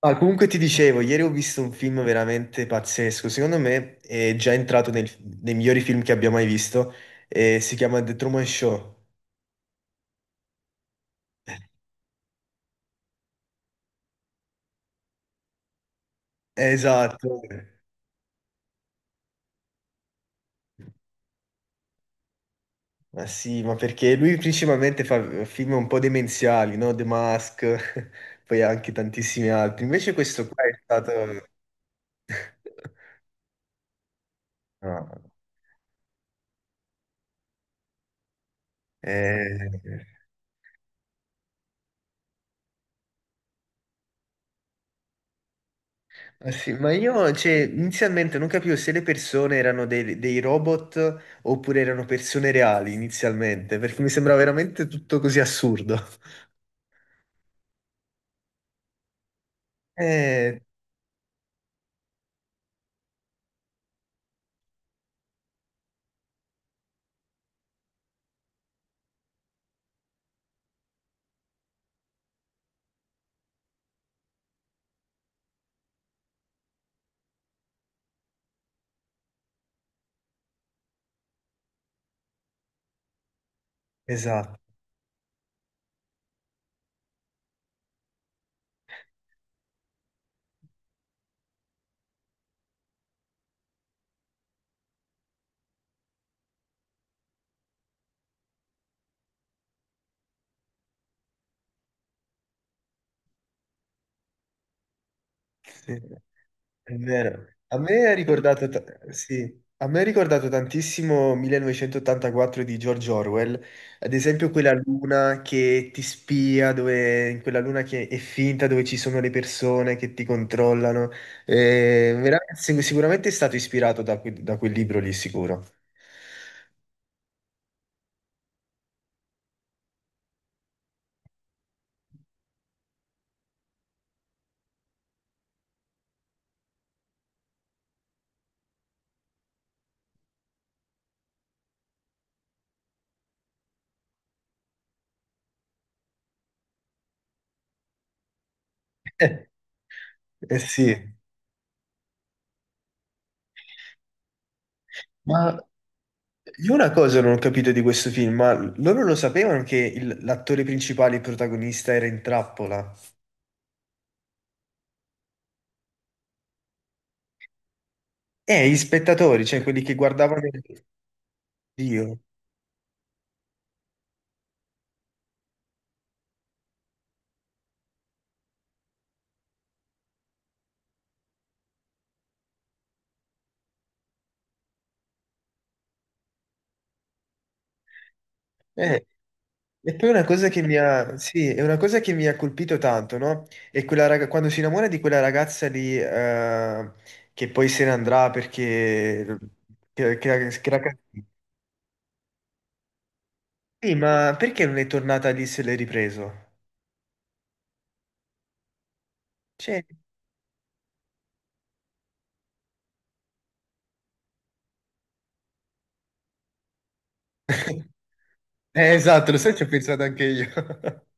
Ah, comunque ti dicevo, ieri ho visto un film veramente pazzesco, secondo me è già entrato nei migliori film che abbia mai visto, e si chiama The Truman Show. Esatto. Ma sì, ma perché lui principalmente fa film un po' demenziali, no? The Mask, poi anche tantissimi altri, invece questo qua è stato. No. eh, Ah, sì, ma io, cioè, inizialmente non capivo se le persone erano dei robot oppure erano persone reali inizialmente, perché mi sembrava veramente tutto così assurdo. Eh, esatto. Sì. È vero. A me è ricordato tantissimo 1984 di George Orwell, ad esempio quella luna che ti spia, dove, in quella luna che è finta, dove ci sono le persone che ti controllano. Sicuramente è stato ispirato da quel libro lì, sicuro. Eh, eh sì, ma io una cosa non ho capito di questo film, ma loro lo sapevano che l'attore principale, il protagonista, era in trappola? Gli spettatori, cioè quelli che guardavano il Dio. Eh, E poi una cosa che mi ha, sì, è una cosa che mi ha colpito tanto, no? È quando si innamora di quella ragazza lì, che poi se ne andrà perché. Che, che, che la ca- Sì, ma perché non è tornata lì se l'hai ripreso? Cioè. Esatto, lo sai, ci ho pensato anche io.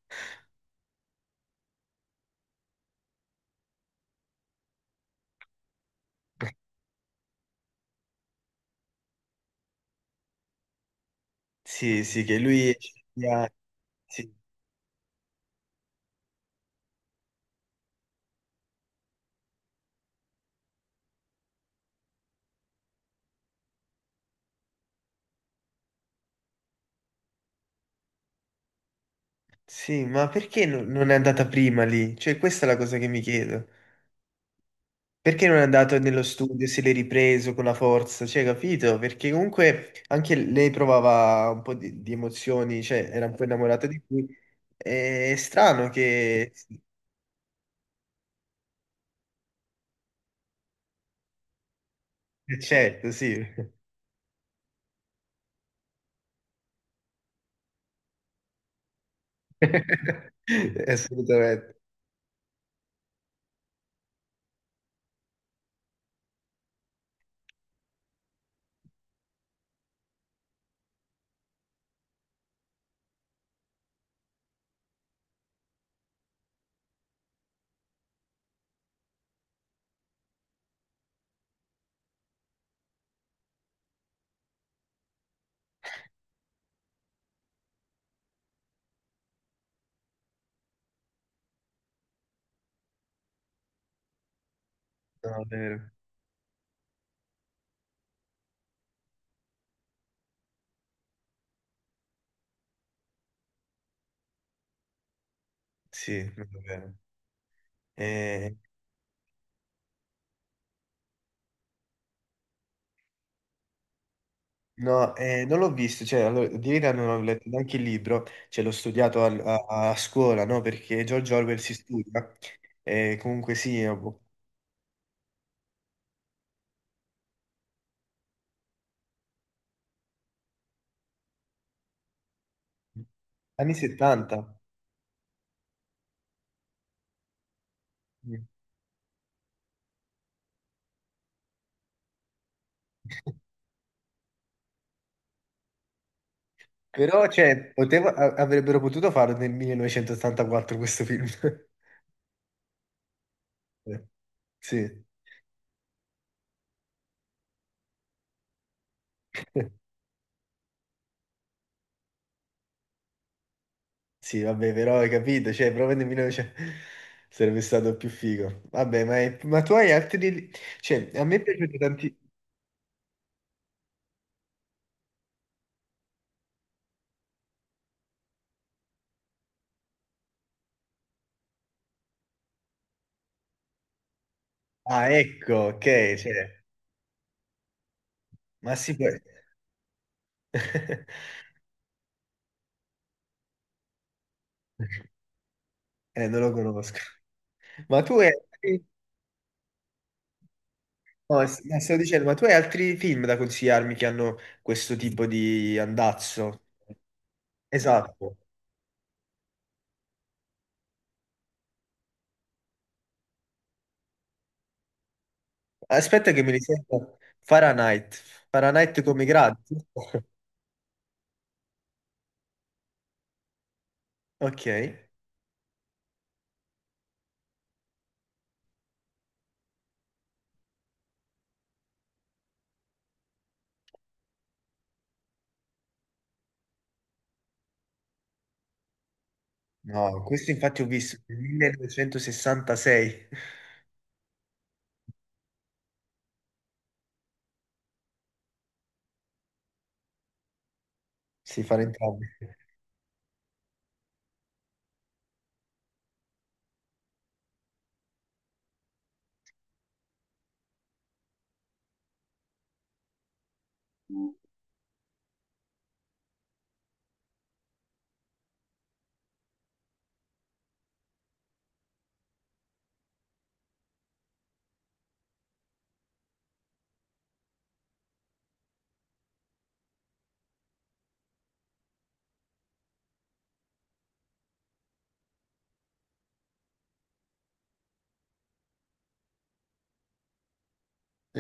Sì, sì, che lui. Sì, sì, ma perché non è andata prima lì? Cioè, questa è la cosa che mi chiedo. Perché non è andato nello studio, se l'è ripreso con la forza, cioè, capito? Perché comunque anche lei provava un po' di emozioni, cioè, era un po' innamorata di lui. È strano che. Eh, certo, sì. Assolutamente. No, è vero. Sì, non è vero. Eh, no, non l'ho visto, cioè, allora, di verità non ho letto neanche il libro, cioè, l'ho studiato a, a scuola, no? Perché George Orwell si studia. Comunque sì, ho. Anni 70. Mm. Però, cioè, avrebbero potuto farlo nel 1984 questo film. Eh. Sì. Sì, vabbè, però hai capito, cioè, proprio nel 1900 sarebbe stato più figo. Vabbè, ma tu hai altri. Cioè, a me è piaciuto tanti. Ah, ecco, ok, cioè, ma si può. Non lo conosco. Ma tu hai... No, stavo dicendo, ma tu hai altri film da consigliarmi che hanno questo tipo di andazzo? Esatto. Aspetta che mi risento Fahrenheit. Fahrenheit come i gradi. Giusto? Ok. No, questo infatti ho visto nel 1966. Si fanno entrambi.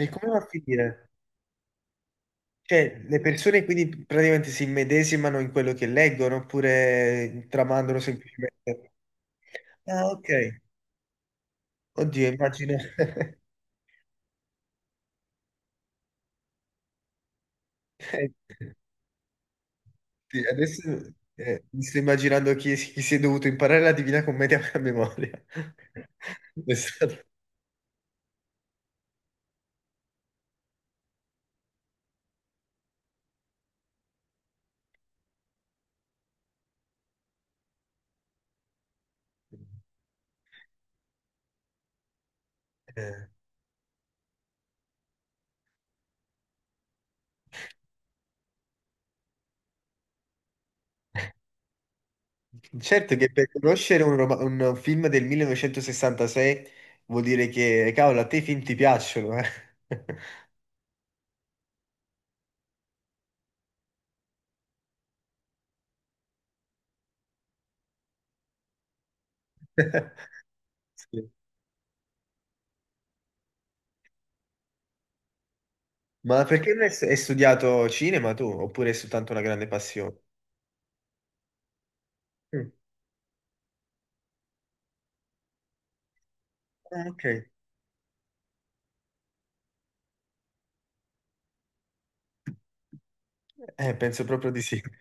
E come va a finire? Cioè, le persone quindi praticamente si immedesimano in quello che leggono oppure tramandano semplicemente. Ah, ok. Oddio, immagino. Sì. Adesso mi sto immaginando chi si è dovuto imparare la Divina Commedia a memoria. È stato- eh. Certo che per conoscere un film del 1966 vuol dire che, cavolo, a te i film ti piacciono, eh. Sì. Ma perché non hai studiato cinema tu, oppure è soltanto una grande passione? Mm. Ah, ok. Penso proprio di sì.